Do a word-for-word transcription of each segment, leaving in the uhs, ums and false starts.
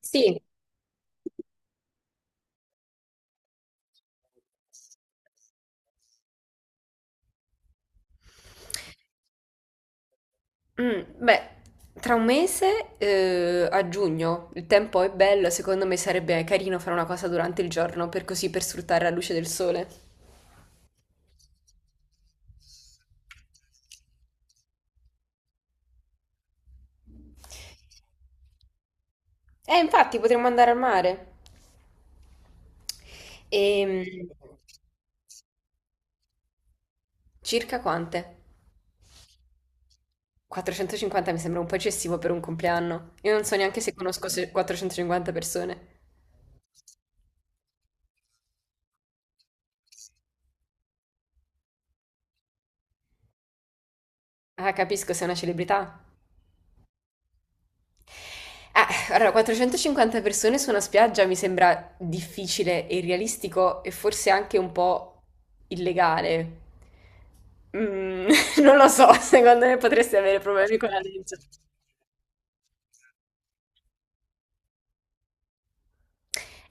Sì. Mm, beh, tra un mese, eh, a giugno, il tempo è bello, secondo me sarebbe carino fare una cosa durante il giorno, per così per sfruttare la luce del sole. Eh, infatti, potremmo andare al mare. Ehm, Circa quante? quattrocentocinquanta mi sembra un po' eccessivo per un compleanno. Io non so neanche se conosco se- quattrocentocinquanta persone. Ah, capisco, sei una celebrità. Eh, allora, quattrocentocinquanta persone su una spiaggia mi sembra difficile e irrealistico e forse anche un po' illegale. Mm. Non lo so, secondo me potresti avere problemi con la legge.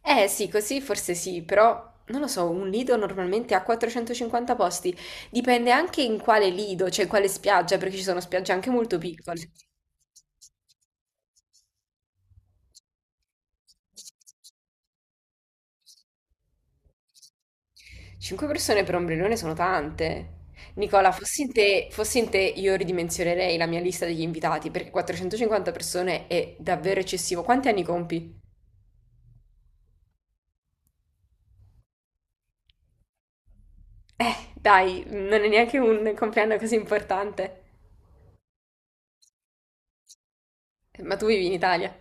Eh sì, così forse sì, però non lo so, un lido normalmente ha quattrocentocinquanta posti. Dipende anche in quale lido, cioè in quale spiaggia, perché ci sono spiagge anche molto piccole. Cinque persone per ombrellone sono tante. Nicola, fossi in te, fossi in te, io ridimensionerei la mia lista degli invitati perché quattrocentocinquanta persone è davvero eccessivo. Quanti anni compi? Eh, dai, non è neanche un compleanno così importante. Eh, Ma tu vivi in Italia.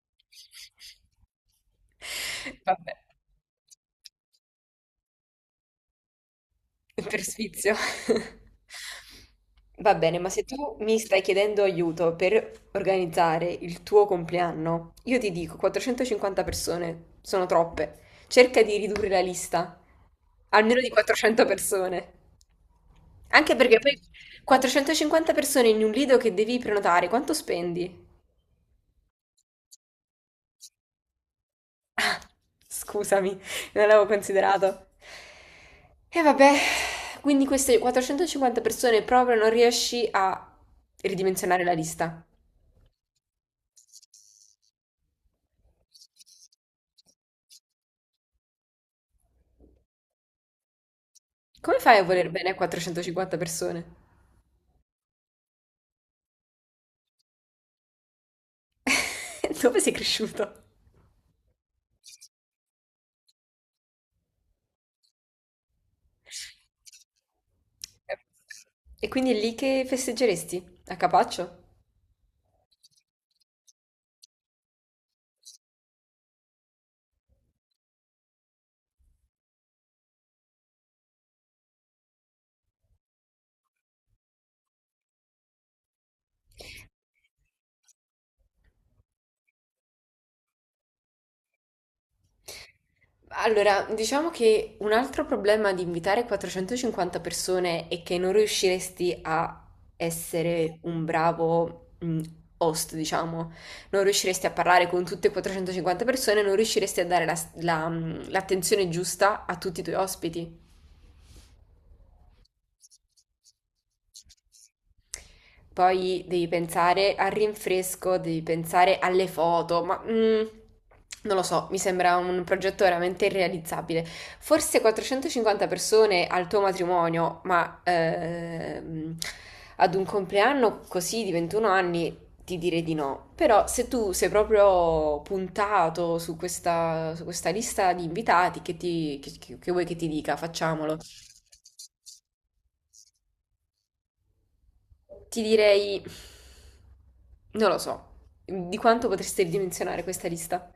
Vabbè. Per sfizio. Va bene, ma se tu mi stai chiedendo aiuto per organizzare il tuo compleanno, io ti dico quattrocentocinquanta persone, sono troppe. Cerca di ridurre la lista, almeno di quattrocento persone. Anche perché poi quattrocentocinquanta persone in un lido che devi prenotare, quanto spendi? Scusami, non l'avevo considerato. E vabbè, quindi queste quattrocentocinquanta persone proprio non riesci a ridimensionare la lista. Come fai a voler bene a quattrocentocinquanta persone? Dove sei cresciuto? E quindi è lì che festeggeresti? A Capaccio? Allora, diciamo che un altro problema di invitare quattrocentocinquanta persone è che non riusciresti a essere un bravo mh, host, diciamo. Non riusciresti a parlare con tutte e quattrocentocinquanta persone, non riusciresti a dare la- la- mm, l'attenzione giusta a tutti i tuoi ospiti. Poi devi pensare al rinfresco, devi pensare alle foto, ma mm, non lo so, mi sembra un progetto veramente irrealizzabile. Forse quattrocentocinquanta persone al tuo matrimonio, ma ehm, ad un compleanno così di ventuno anni ti direi di no. Però se tu sei proprio puntato su questa, su questa lista di invitati, che ti- che- che vuoi che ti dica? Facciamolo. Ti direi, non lo so, di quanto potreste ridimensionare questa lista?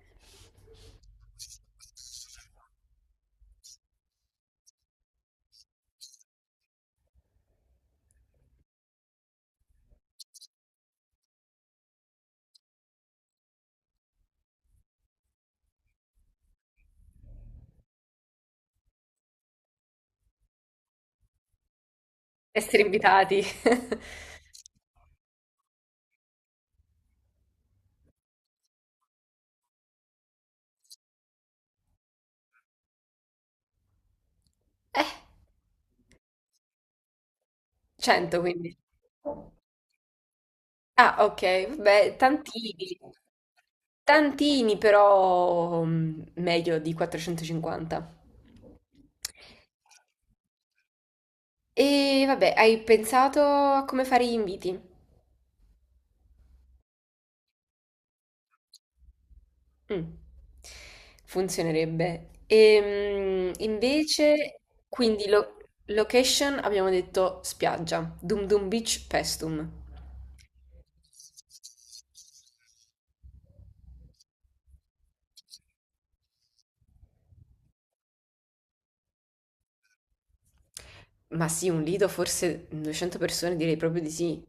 Essere invitati? Eh, cento quindi. Ah, ok, vabbè, tantini. Tantini, però mm, meglio di quattrocentocinquanta. E vabbè, hai pensato a come fare gli inviti? Mh. Funzionerebbe. Ehm, invece, quindi lo location abbiamo detto spiaggia, Dum Dum Beach, Paestum. Ma sì, un lido, forse duecento persone, direi proprio di sì.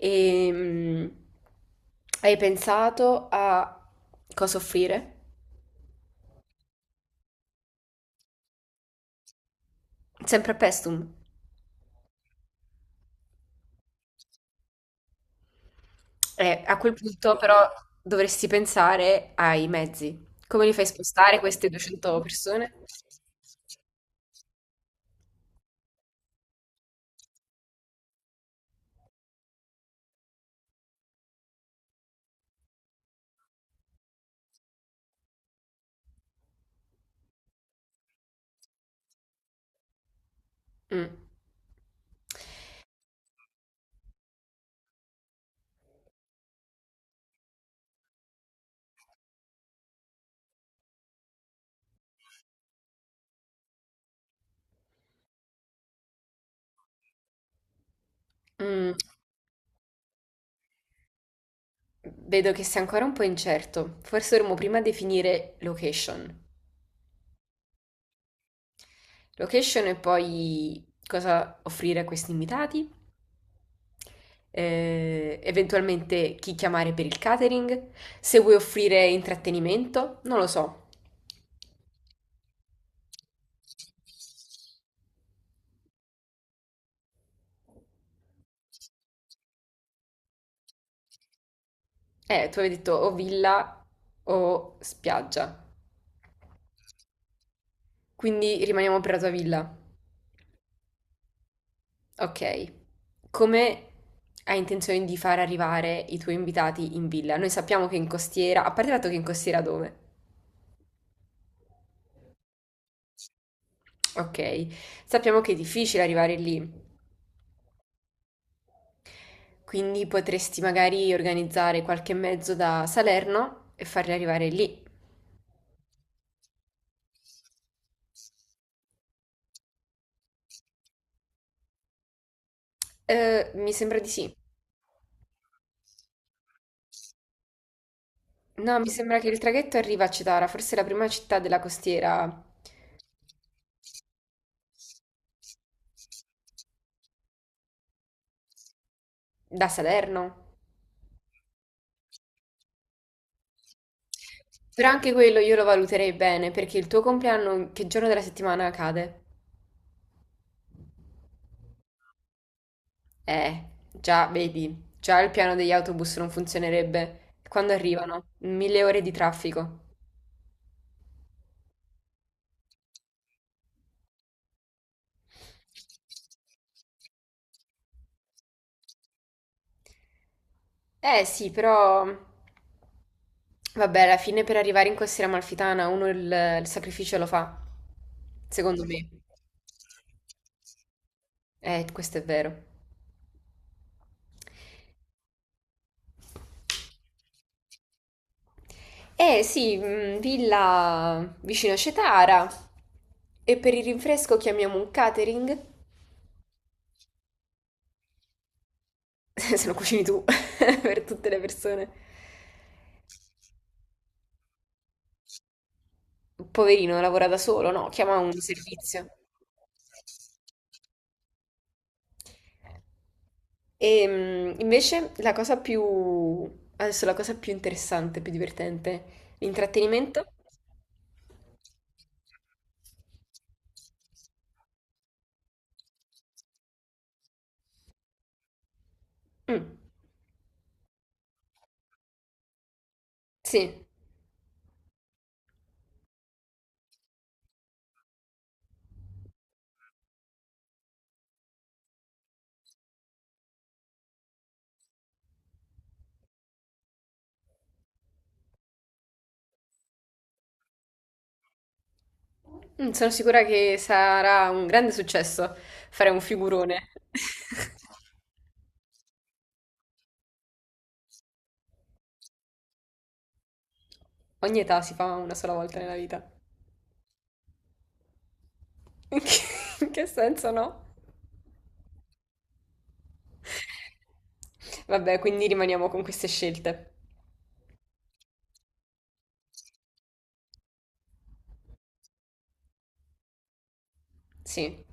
Ehm, Hai pensato a cosa offrire? Sempre a Paestum. Eh, a quel punto però dovresti pensare ai mezzi. Come li fai spostare queste duecento persone? Mm. Mm. Vedo che sei ancora un po' incerto. Forse dovremmo prima definire location. Location e poi cosa offrire a questi invitati, eh, eventualmente chi chiamare per il catering, se vuoi offrire intrattenimento, non lo so. Eh, tu avevi detto o villa o spiaggia. Quindi rimaniamo per la tua villa. Ok, come hai intenzione di far arrivare i tuoi invitati in villa? Noi sappiamo che in costiera, a parte il fatto che in costiera dove? Ok, sappiamo che è difficile arrivare lì, quindi potresti magari organizzare qualche mezzo da Salerno e farli arrivare lì. Eh, mi sembra di sì. No, mi sembra che il traghetto arriva a Cetara, forse è la prima città della costiera da Salerno. Però anche quello io lo valuterei bene, perché il tuo compleanno che giorno della settimana cade? Eh, già, vedi, già il piano degli autobus non funzionerebbe. Quando arrivano? Mille ore di traffico. Eh sì, però vabbè, alla fine per arrivare in costiera amalfitana uno il, il sacrificio lo fa, secondo me. Eh, questo è vero. Eh sì, mm, villa vicino a Cetara. E per il rinfresco chiamiamo un catering. Se lo cucini tu, per tutte le persone. Poverino, lavora da solo, no, chiama un servizio. E mh, invece la cosa più, adesso la cosa più interessante, più divertente, l'intrattenimento. Mm, sì. Mm, sono sicura che sarà un grande successo fare un figurone. Ogni età si fa una sola volta nella vita. In che, in che senso no? Vabbè, quindi rimaniamo con queste scelte. Sì.